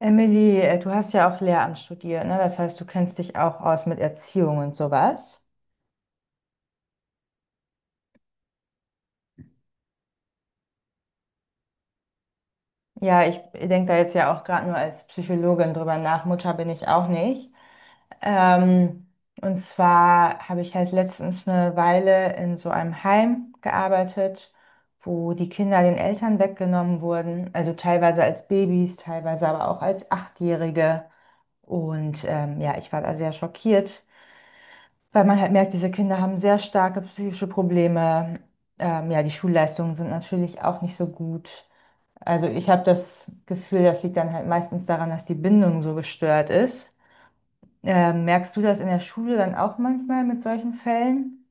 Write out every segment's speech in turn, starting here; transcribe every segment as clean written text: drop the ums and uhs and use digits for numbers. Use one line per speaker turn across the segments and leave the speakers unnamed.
Emily, du hast ja auch Lehramt studiert, ne? Das heißt, du kennst dich auch aus mit Erziehung und sowas. Ja, ich denke da jetzt ja auch gerade nur als Psychologin drüber nach. Mutter bin ich auch nicht. Ähm, und zwar habe ich halt letztens eine Weile in so einem Heim gearbeitet, wo die Kinder den Eltern weggenommen wurden. Also teilweise als Babys, teilweise aber auch als Achtjährige. Und ja, ich war da sehr schockiert, weil man halt merkt, diese Kinder haben sehr starke psychische Probleme. Ja, die Schulleistungen sind natürlich auch nicht so gut. Also ich habe das Gefühl, das liegt dann halt meistens daran, dass die Bindung so gestört ist. Merkst du das in der Schule dann auch manchmal mit solchen Fällen?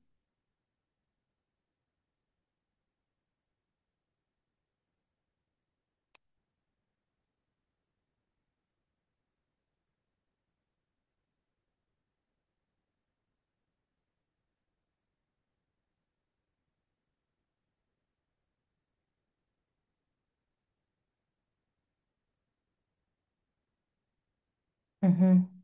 Mhm.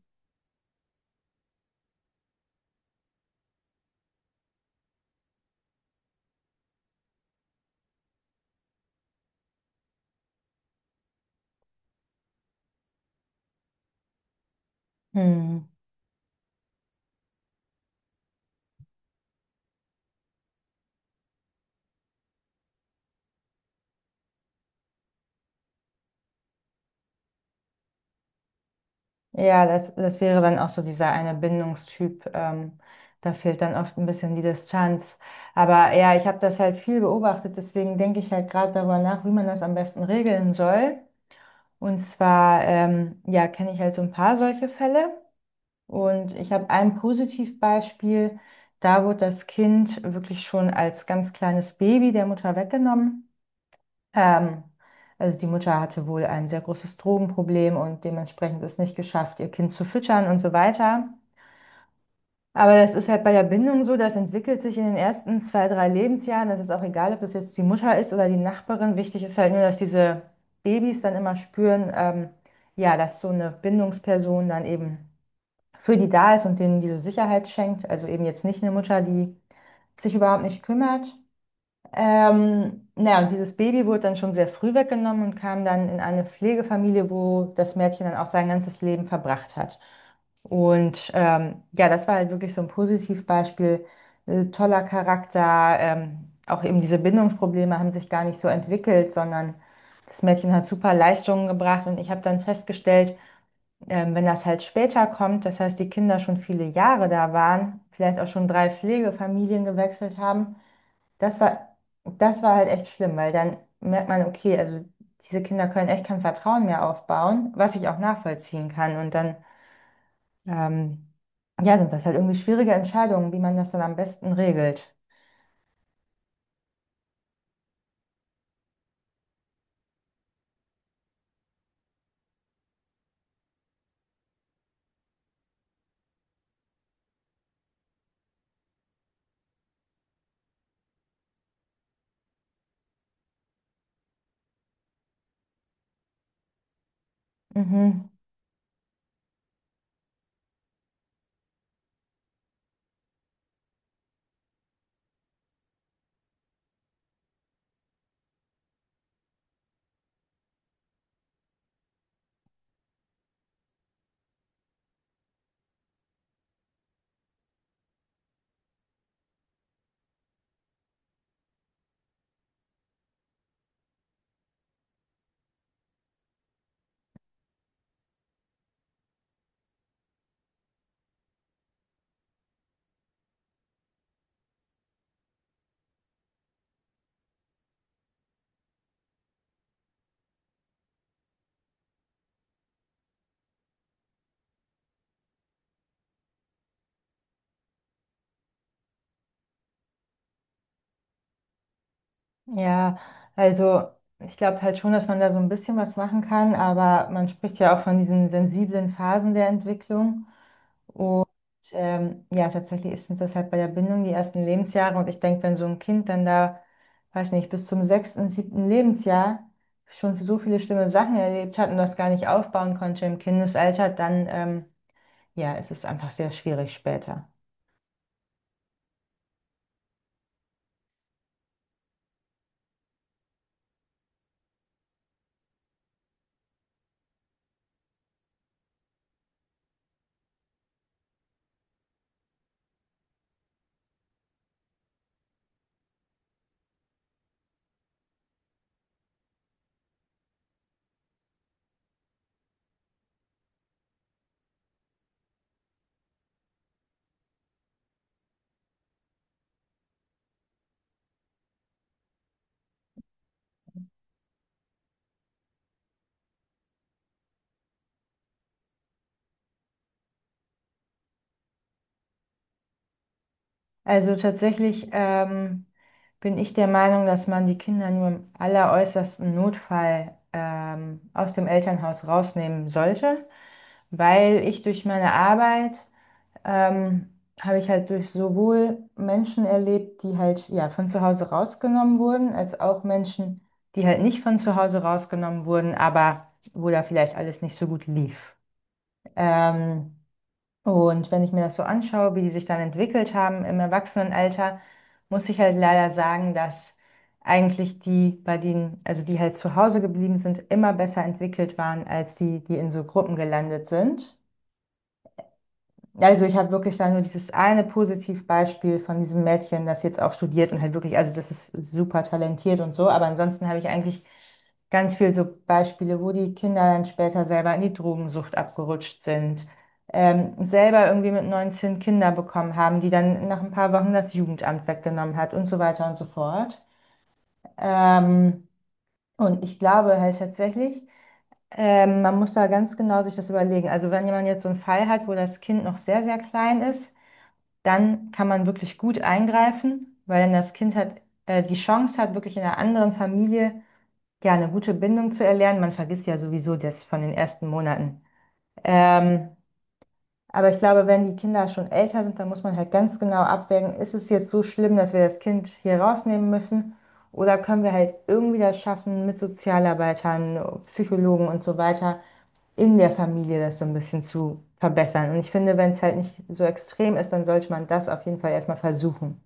Hm. Ja, das wäre dann auch so dieser eine Bindungstyp. Da fehlt dann oft ein bisschen die Distanz. Aber ja, ich habe das halt viel beobachtet, deswegen denke ich halt gerade darüber nach, wie man das am besten regeln soll. Und zwar, ja, kenne ich halt so ein paar solche Fälle. Und ich habe ein Positivbeispiel. Da wurde das Kind wirklich schon als ganz kleines Baby der Mutter weggenommen. Ähm, also die Mutter hatte wohl ein sehr großes Drogenproblem und dementsprechend es nicht geschafft, ihr Kind zu füttern und so weiter. Aber das ist halt bei der Bindung so, das entwickelt sich in den ersten zwei, drei Lebensjahren. Das ist auch egal, ob das jetzt die Mutter ist oder die Nachbarin. Wichtig ist halt nur, dass diese Babys dann immer spüren, ja, dass so eine Bindungsperson dann eben für die da ist und denen diese Sicherheit schenkt. Also eben jetzt nicht eine Mutter, die sich überhaupt nicht kümmert. Naja, und dieses Baby wurde dann schon sehr früh weggenommen und kam dann in eine Pflegefamilie, wo das Mädchen dann auch sein ganzes Leben verbracht hat. Und ja, das war halt wirklich so ein Positivbeispiel. Toller Charakter. Auch eben diese Bindungsprobleme haben sich gar nicht so entwickelt, sondern das Mädchen hat super Leistungen gebracht. Und ich habe dann festgestellt, wenn das halt später kommt, das heißt, die Kinder schon viele Jahre da waren, vielleicht auch schon drei Pflegefamilien gewechselt haben, das war, das war halt echt schlimm, weil dann merkt man, okay, also diese Kinder können echt kein Vertrauen mehr aufbauen, was ich auch nachvollziehen kann. Und dann, ähm, ja, sind das halt irgendwie schwierige Entscheidungen, wie man das dann am besten regelt. Mhm. Ja, also ich glaube halt schon, dass man da so ein bisschen was machen kann, aber man spricht ja auch von diesen sensiblen Phasen der Entwicklung. Und ja, tatsächlich ist es das halt bei der Bindung die ersten Lebensjahre. Und ich denke, wenn so ein Kind dann da, weiß nicht, bis zum sechsten, siebten Lebensjahr schon so viele schlimme Sachen erlebt hat und das gar nicht aufbauen konnte im Kindesalter, dann ja, es ist einfach sehr schwierig später. Also tatsächlich bin ich der Meinung, dass man die Kinder nur im alleräußersten Notfall aus dem Elternhaus rausnehmen sollte, weil ich durch meine Arbeit ähm, habe ich halt durch sowohl Menschen erlebt, die halt ja von zu Hause rausgenommen wurden, als auch Menschen, die halt nicht von zu Hause rausgenommen wurden, aber wo da vielleicht alles nicht so gut lief. Ähm, und wenn ich mir das so anschaue, wie die sich dann entwickelt haben im Erwachsenenalter, muss ich halt leider sagen, dass eigentlich die, bei denen, also die halt zu Hause geblieben sind, immer besser entwickelt waren als die, die in so Gruppen gelandet sind. Also ich habe wirklich da nur dieses eine Positivbeispiel von diesem Mädchen, das jetzt auch studiert und halt wirklich, also das ist super talentiert und so, aber ansonsten habe ich eigentlich ganz viel so Beispiele, wo die Kinder dann später selber in die Drogensucht abgerutscht sind, selber irgendwie mit 19 Kinder bekommen haben, die dann nach ein paar Wochen das Jugendamt weggenommen hat und so weiter und so fort. Ähm, und ich glaube halt tatsächlich, man muss da ganz genau sich das überlegen. Also wenn jemand jetzt so einen Fall hat, wo das Kind noch sehr, sehr klein ist, dann kann man wirklich gut eingreifen, weil dann das Kind hat, die Chance hat, wirklich in einer anderen Familie ja eine gute Bindung zu erlernen. Man vergisst ja sowieso das von den ersten Monaten. Ähm, aber ich glaube, wenn die Kinder schon älter sind, dann muss man halt ganz genau abwägen, ist es jetzt so schlimm, dass wir das Kind hier rausnehmen müssen? Oder können wir halt irgendwie das schaffen, mit Sozialarbeitern, Psychologen und so weiter in der Familie das so ein bisschen zu verbessern? Und ich finde, wenn es halt nicht so extrem ist, dann sollte man das auf jeden Fall erstmal versuchen.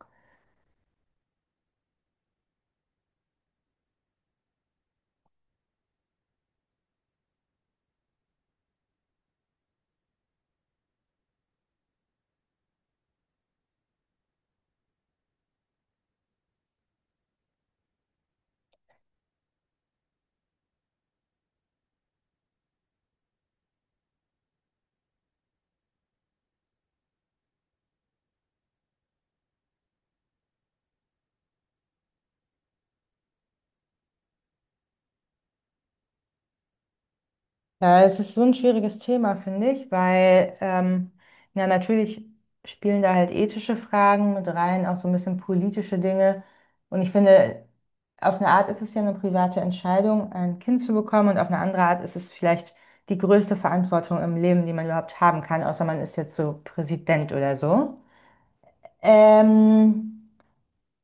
Ja, es ist so ein schwieriges Thema, finde ich, weil ja, natürlich spielen da halt ethische Fragen mit rein, auch so ein bisschen politische Dinge. Und ich finde, auf eine Art ist es ja eine private Entscheidung, ein Kind zu bekommen, und auf eine andere Art ist es vielleicht die größte Verantwortung im Leben, die man überhaupt haben kann, außer man ist jetzt so Präsident oder so. Ähm,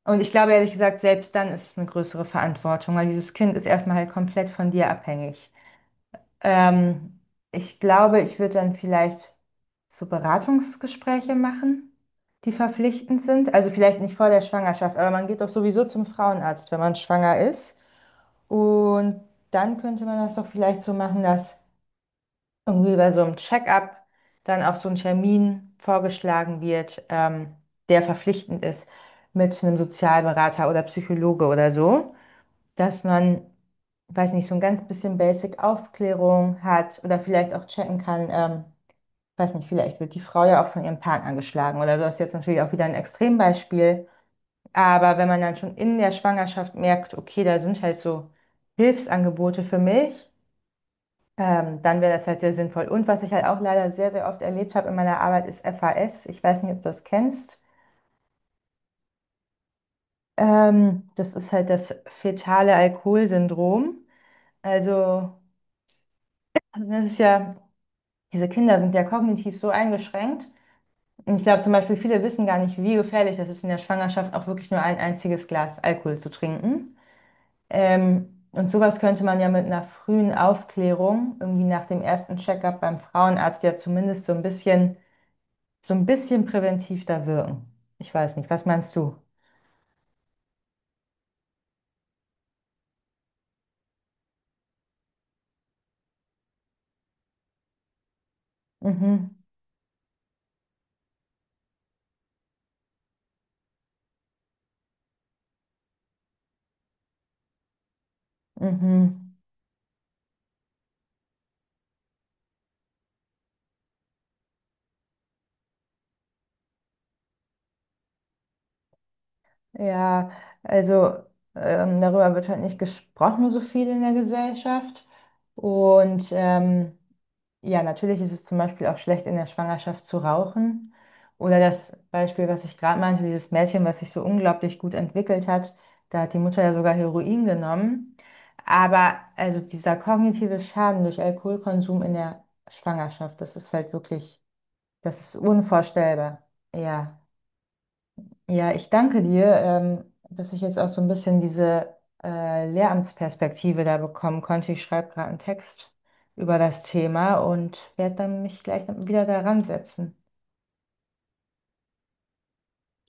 und ich glaube ehrlich gesagt, selbst dann ist es eine größere Verantwortung, weil dieses Kind ist erstmal halt komplett von dir abhängig. Ähm, Ich glaube, ich würde dann vielleicht so Beratungsgespräche machen, die verpflichtend sind. Also vielleicht nicht vor der Schwangerschaft, aber man geht doch sowieso zum Frauenarzt, wenn man schwanger ist. Und dann könnte man das doch vielleicht so machen, dass irgendwie bei so einem Check-up dann auch so ein Termin vorgeschlagen wird, der verpflichtend ist mit einem Sozialberater oder Psychologe oder so, dass man, weiß nicht, so ein ganz bisschen Basic Aufklärung hat oder vielleicht auch checken kann, weiß nicht, vielleicht wird die Frau ja auch von ihrem Partner angeschlagen oder du hast jetzt natürlich auch wieder ein Extrembeispiel. Aber wenn man dann schon in der Schwangerschaft merkt, okay, da sind halt so Hilfsangebote für mich, dann wäre das halt sehr sinnvoll. Und was ich halt auch leider sehr, sehr oft erlebt habe in meiner Arbeit, ist FAS. Ich weiß nicht, ob du das kennst. Das ist halt das fetale Alkoholsyndrom. Also, das ist ja, diese Kinder sind ja kognitiv so eingeschränkt. Und ich glaube zum Beispiel, viele wissen gar nicht, wie gefährlich das ist, in der Schwangerschaft auch wirklich nur ein einziges Glas Alkohol zu trinken. Und sowas könnte man ja mit einer frühen Aufklärung, irgendwie nach dem ersten Check-up beim Frauenarzt, ja zumindest so ein bisschen präventiv da wirken. Ich weiß nicht, was meinst du? Mhm, mhm. Ja, also darüber wird halt nicht gesprochen so viel in der Gesellschaft. Und ja, natürlich ist es zum Beispiel auch schlecht, in der Schwangerschaft zu rauchen. Oder das Beispiel, was ich gerade meinte, dieses Mädchen, was sich so unglaublich gut entwickelt hat, da hat die Mutter ja sogar Heroin genommen. Aber also dieser kognitive Schaden durch Alkoholkonsum in der Schwangerschaft, das ist halt wirklich, das ist unvorstellbar. Ja. Ja, ich danke dir, dass ich jetzt auch so ein bisschen diese Lehramtsperspektive da bekommen konnte. Ich schreibe gerade einen Text über das Thema und werde dann mich gleich wieder daran setzen.